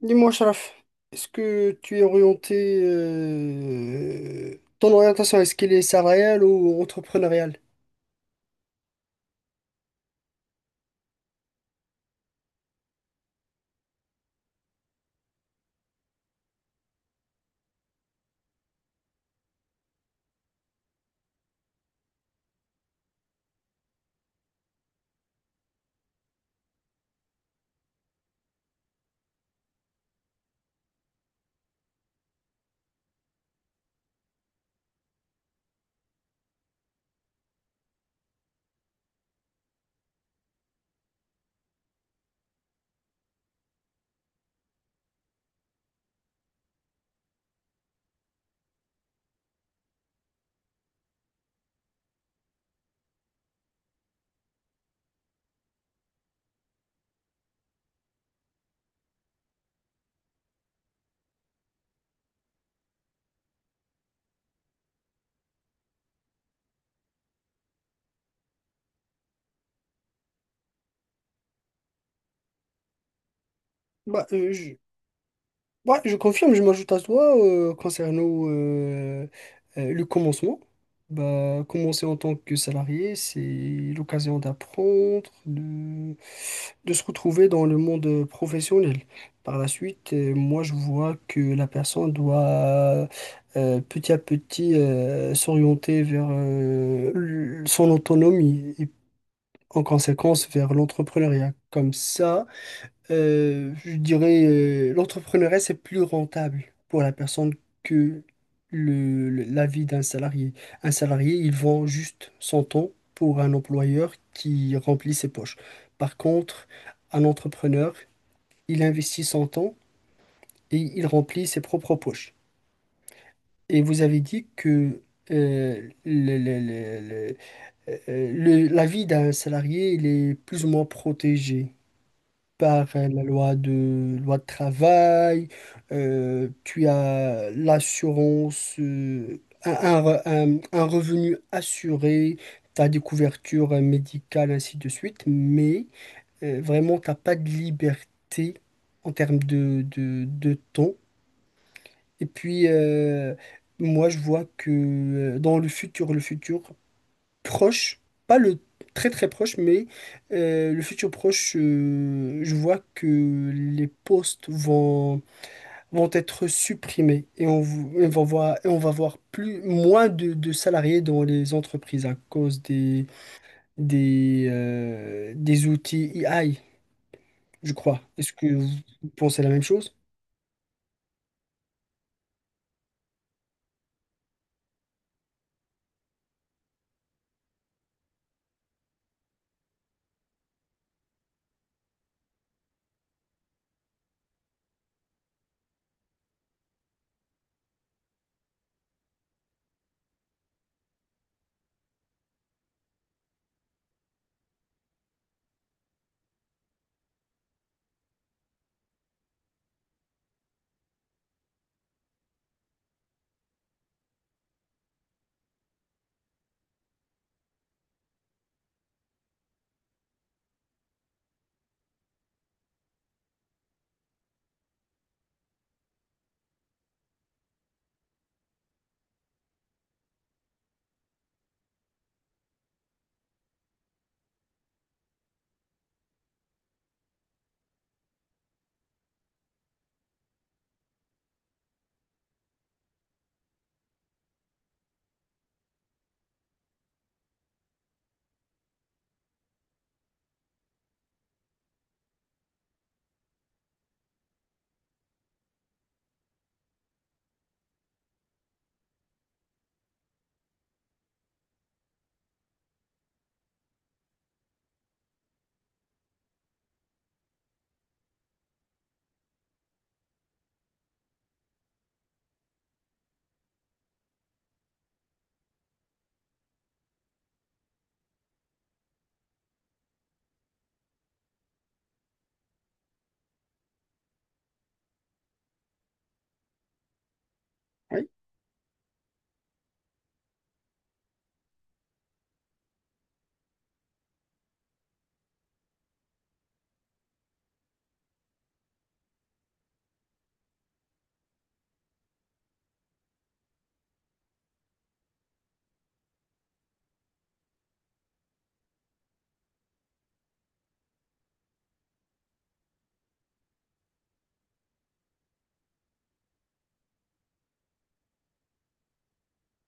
Dis-moi, Sharaf, est-ce que tu es orienté, ton orientation, est-ce qu'elle est salariale ou entrepreneuriale? Bah, euh, je, Ouais, je confirme, je m'ajoute à toi concernant le commencement. Bah, commencer en tant que salarié, c'est l'occasion d'apprendre, de se retrouver dans le monde professionnel. Par la suite, moi, je vois que la personne doit petit à petit s'orienter vers son autonomie et en conséquence vers l'entrepreneuriat. Comme ça, je dirais, l'entrepreneuriat, c'est plus rentable pour la personne que la vie d'un salarié. Un salarié, il vend juste son temps pour un employeur qui remplit ses poches. Par contre, un entrepreneur, il investit son temps et il remplit ses propres poches. Et vous avez dit que euh, le- le- le- le- la vie d'un salarié, il est plus ou moins protégé par loi de travail, tu as l'assurance, un revenu assuré, tu as des couvertures médicales, ainsi de suite, mais vraiment, tu n'as pas de liberté en termes de temps. Et puis, moi, je vois que dans le futur, proche, pas le très très proche, mais le futur proche, je vois que les postes vont être supprimés et on va voir plus, moins de salariés dans les entreprises à cause des outils AI, je crois. Est-ce que vous pensez la même chose?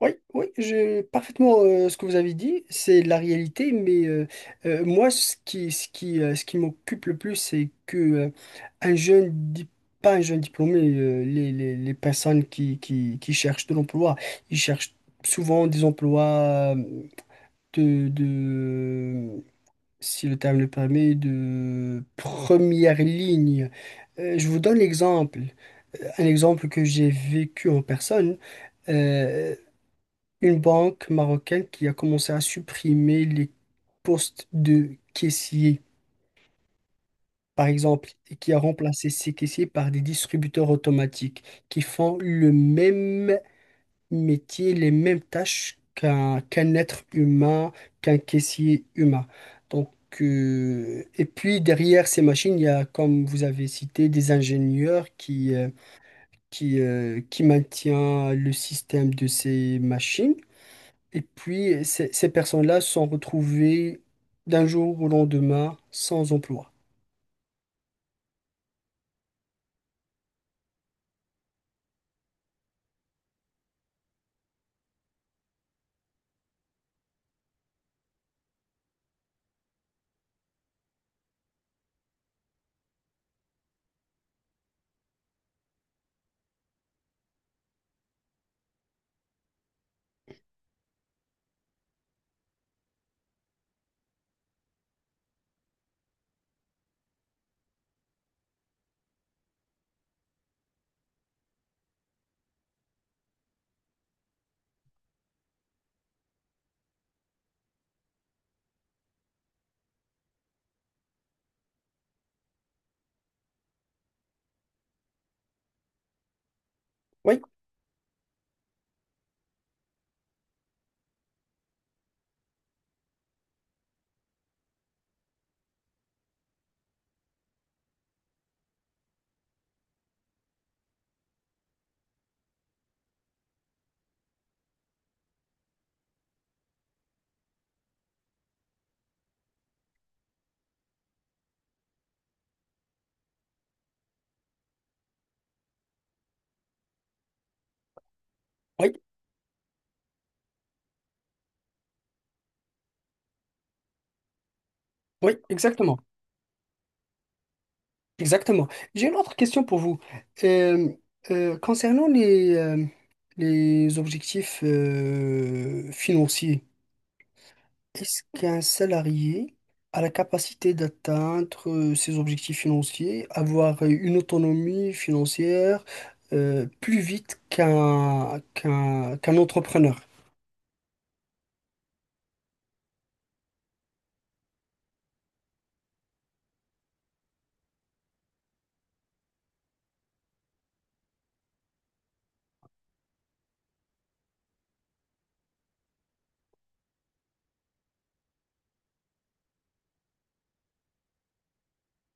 Oui, oui, j'ai parfaitement ce que vous avez dit, c'est la réalité, mais moi, ce qui m'occupe le plus, c'est que un jeune, dip- pas un jeune diplômé, les personnes qui cherchent de l'emploi, ils cherchent souvent des emplois de, de, si le terme le permet, de première ligne. Je vous donne l'exemple, un exemple que j'ai vécu en personne. euh, une banque marocaine qui a commencé à supprimer les postes de caissiers, par exemple, et qui a remplacé ces caissiers par des distributeurs automatiques qui font le même métier, les mêmes tâches qu'un être humain, qu'un caissier humain. Donc, et puis derrière ces machines, il y a, comme vous avez cité, des ingénieurs qui maintiennent le système de ces machines. Et puis, ces personnes-là se sont retrouvées d'un jour au lendemain sans emploi. Oui, oui, oui, exactement. Exactement. J'ai une autre question pour vous. Euh, concernant les objectifs financiers, est-ce qu'un salarié a la capacité d'atteindre ses objectifs financiers, avoir une autonomie financière plus vite qu'un entrepreneur?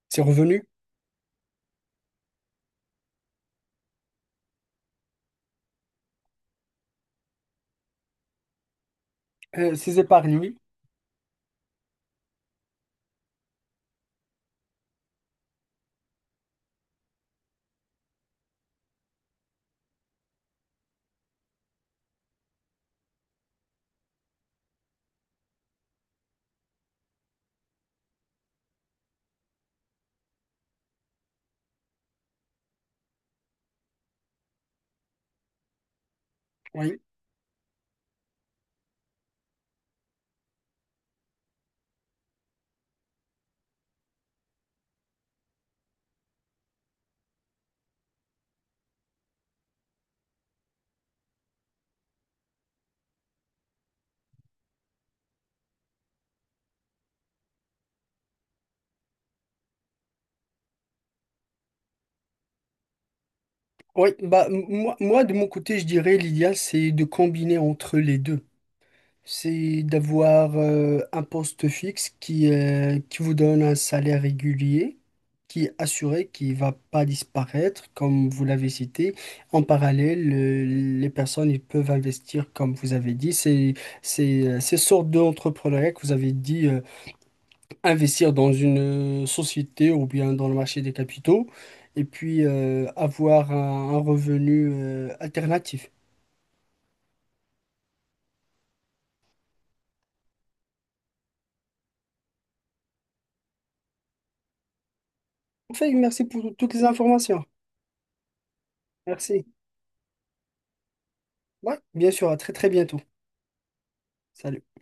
C'est revenu? Ces épargnés, oui. Oui, bah, moi, moi, de mon côté, je dirais l'idéal, c'est de combiner entre les deux. C'est d'avoir un poste fixe qui vous donne un salaire régulier, qui est assuré, qui ne va pas disparaître, comme vous l'avez cité. En parallèle, les personnes ils peuvent investir, comme vous avez dit. Ces sortes d'entrepreneuriat que vous avez dit. Investir dans une société ou bien dans le marché des capitaux et puis avoir un revenu alternatif. Enfin, merci pour toutes les informations. Merci. Ouais, bien sûr, à très très bientôt. Salut.